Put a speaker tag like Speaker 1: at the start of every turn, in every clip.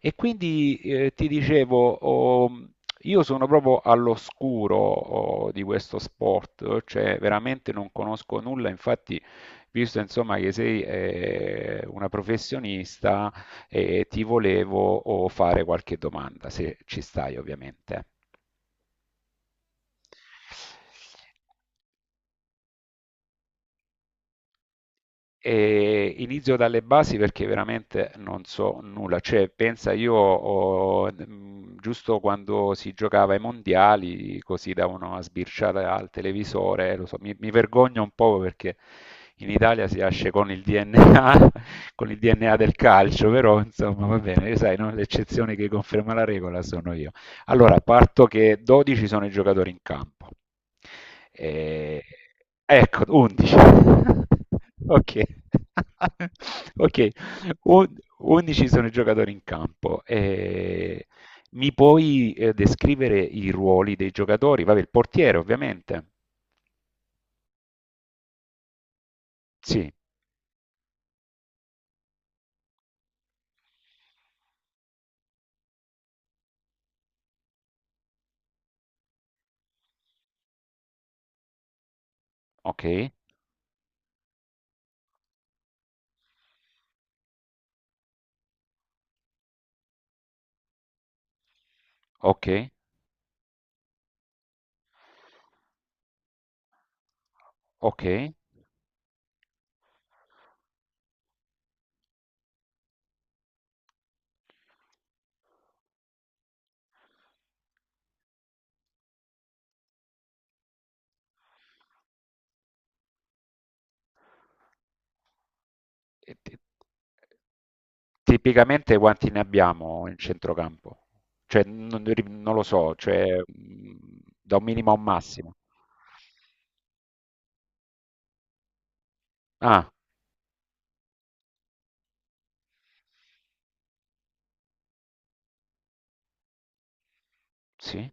Speaker 1: E quindi ti dicevo, oh, io sono proprio all'oscuro oh, di questo sport, cioè veramente non conosco nulla, infatti, visto insomma che sei una professionista, ti volevo oh, fare qualche domanda, se ci stai ovviamente. E inizio dalle basi perché veramente non so nulla. Cioè, pensa, giusto quando si giocava ai mondiali, così davano una sbirciata al televisore, lo so, mi vergogno un po' perché in Italia si nasce con il DNA, con il DNA del calcio, però insomma va bene, sai, no? L'eccezione che conferma la regola sono io. Allora, parto che 12 sono i giocatori in campo. E- Ecco, 11. Ok. Ok. Un- 11 sono i giocatori in campo. E mi puoi descrivere i ruoli dei giocatori? Vabbè, il portiere, ovviamente. Sì, ok, ok, ok. E ti- Tipicamente quanti ne abbiamo in centrocampo? Cioè, non lo so, cioè, da un minimo a un massimo. Ah, sì,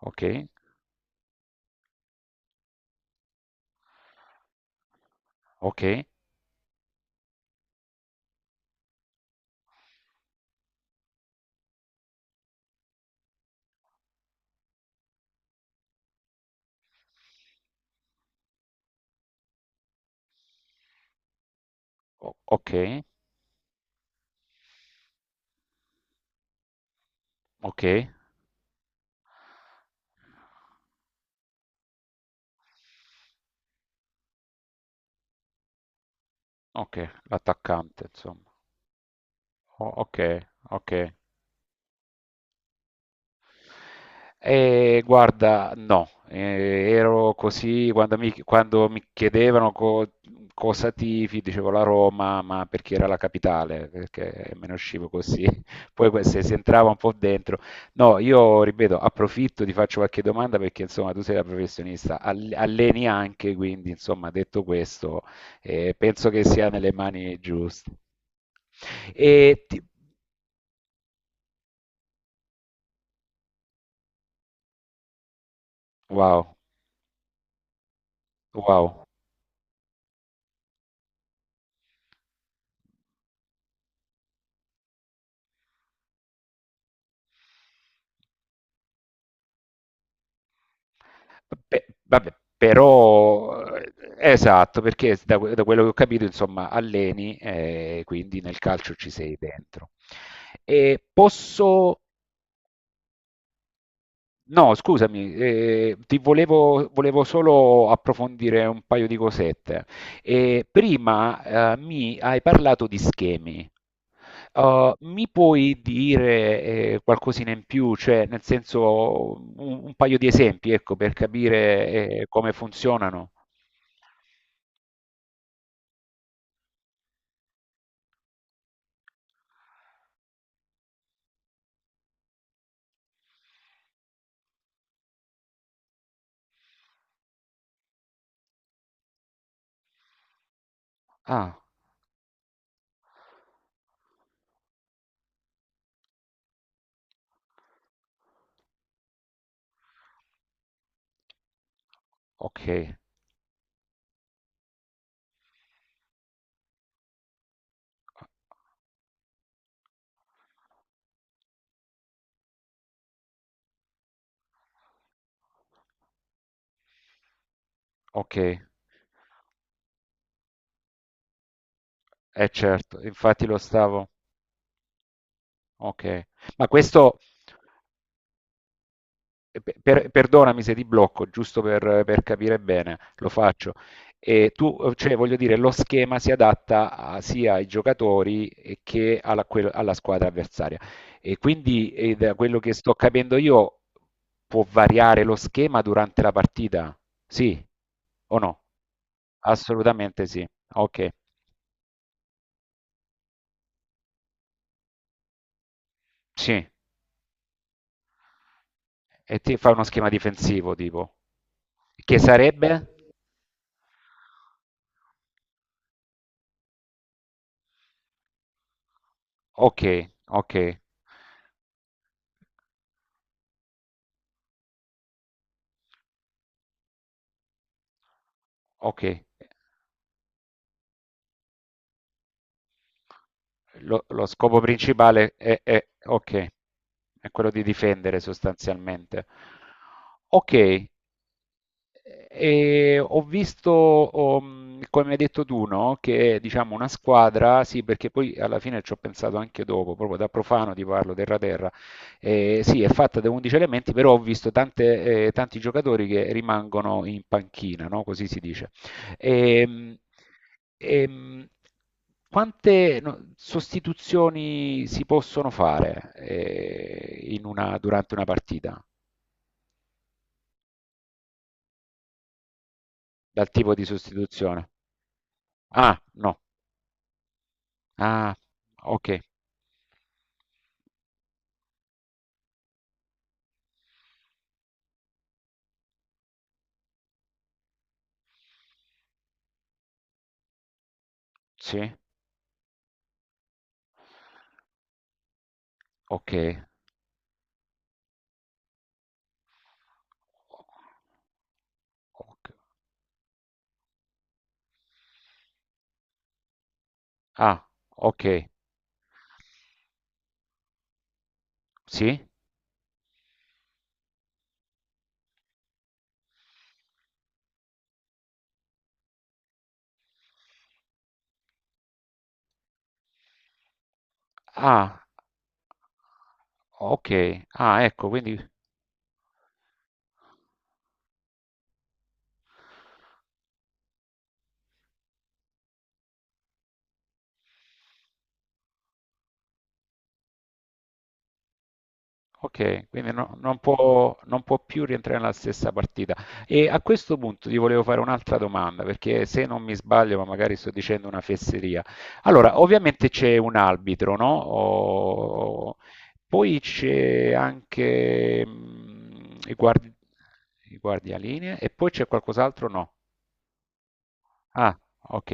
Speaker 1: ok, ok, ok, ok, ok, l'attaccante, insomma. Ok, ok. E guarda, no, ero così quando quando mi chiedevano cosa tifi, dicevo la Roma, ma perché era la capitale, perché me ne uscivo così. Poi se si entrava un po' dentro. No, io ripeto, approfitto, ti faccio qualche domanda perché insomma tu sei la professionista, alleni anche, quindi insomma detto questo, penso che sia nelle mani giuste. E ti- Wow, wow. Vabbè, però esatto, perché da quello che ho capito, insomma, alleni, quindi nel calcio ci sei dentro. E posso... No, scusami, volevo solo approfondire un paio di cosette. Prima, mi hai parlato di schemi. Mi puoi dire qualcosina in più, cioè nel senso un paio di esempi, ecco, per capire come funzionano? Ah, okay. A Okay. Eh certo, infatti lo stavo. Okay. Ma questo perdonami se ti blocco, giusto per capire bene, lo faccio. E tu, cioè, voglio dire, lo schema si adatta sia ai giocatori che alla squadra avversaria. E quindi, da quello che sto capendo io, può variare lo schema durante la partita? Sì o no? Assolutamente sì. Ok, sì. E ti fa uno schema difensivo, tipo. Che sarebbe? Okay, okay, okay. Lo scopo principale è okay, è quello di difendere sostanzialmente. Okay. E ho visto, come hai detto tu, no? Che diciamo una squadra, sì, perché poi alla fine ci ho pensato anche dopo, proprio da profano ti parlo, terra-terra, sì, è fatta da 11 elementi, però ho visto tante, tanti giocatori che rimangono in panchina, no? Così si dice. Ehm, ehm, quante no, sostituzioni si possono fare, durante una partita, dal tipo di sostituzione? Ah, no. Ah, okay. Sì, okay. Oc Ah, okay. Sì? Ah, okay. Ah, ecco, quindi. Ok, quindi non può più rientrare nella stessa partita. E a questo punto ti volevo fare un'altra domanda, perché se non mi sbaglio, ma magari sto dicendo una fesseria. Allora, ovviamente c'è un arbitro, no? Poi c'è anche i guardi- i guardialinee e poi c'è qualcos'altro? No. Ah, ok.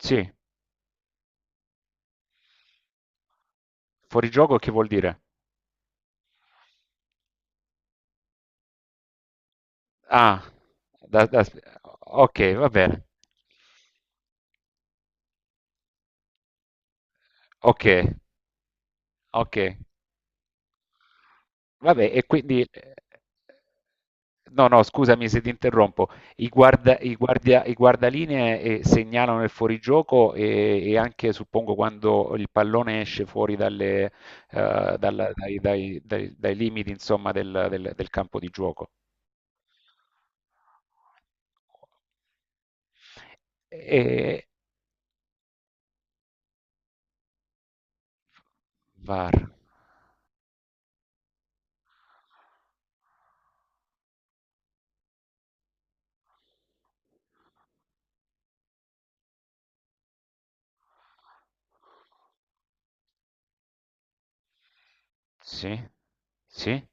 Speaker 1: Sì, fuorigioco che vuol dire? Ah, da- da- ok, va bene. Ok, ok. Vabbè, e quindi no, no, scusami se ti interrompo. I guardalinee segnalano il fuorigioco e anche suppongo quando il pallone esce fuori dalle, dalla- dai, dai- dai- dai limiti, insomma, del campo di gioco. E VAR. Sì? Sì?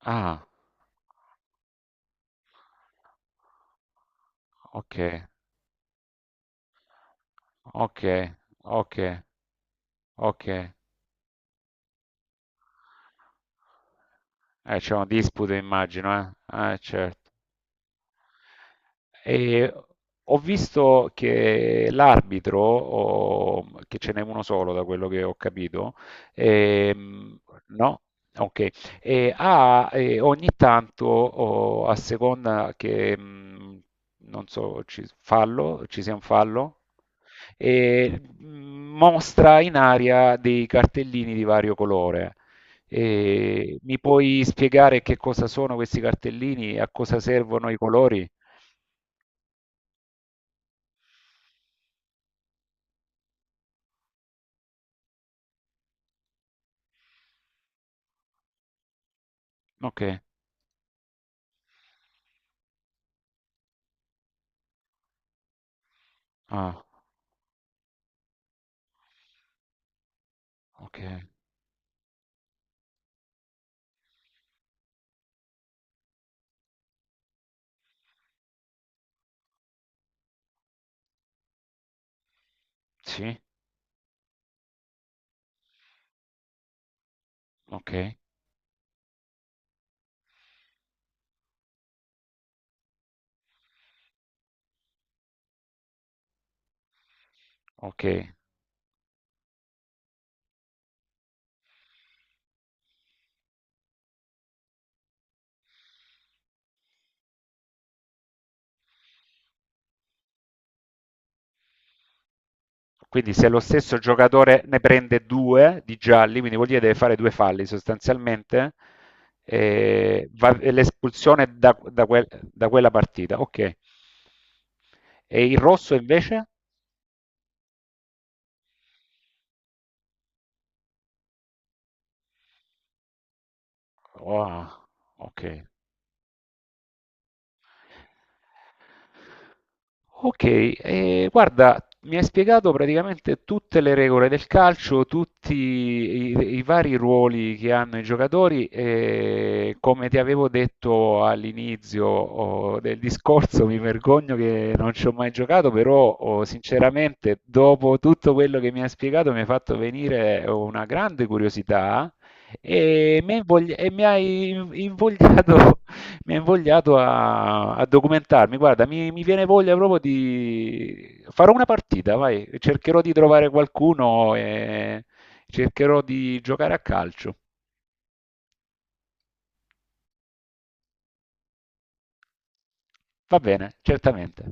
Speaker 1: Ah, ok, ok, ok, ok. C'è una disputa immagino, eh? Certo. E ho visto che l'arbitro, che ce n'è uno solo da quello che ho capito, ehm, no? Ok, e ha ogni tanto, o a seconda che, non so, ci, fallo, ci sia un fallo, e mostra in aria dei cartellini di vario colore. E mi puoi spiegare che cosa sono questi cartellini, a cosa servono i colori? Ok. Ah, okay. Sì, okay, okay. Quindi se lo stesso giocatore ne prende due di gialli, quindi vuol dire deve fare due falli sostanzialmente, va e l'espulsione da quella partita, okay. E il rosso invece? Ah, okay. Ok, guarda, mi hai spiegato praticamente tutte le regole del calcio, tutti i vari ruoli che hanno i giocatori e come ti avevo detto all'inizio oh, del discorso, mi vergogno che non ci ho mai giocato, però oh, sinceramente dopo tutto quello che mi hai spiegato mi hai fatto venire una grande curiosità e mi hai invogli- e mi hai invogliato mi ha invogliato a documentarmi. Guarda, mi viene voglia proprio di. Farò una partita, vai, cercherò di trovare qualcuno e cercherò di giocare a calcio. Va bene, certamente.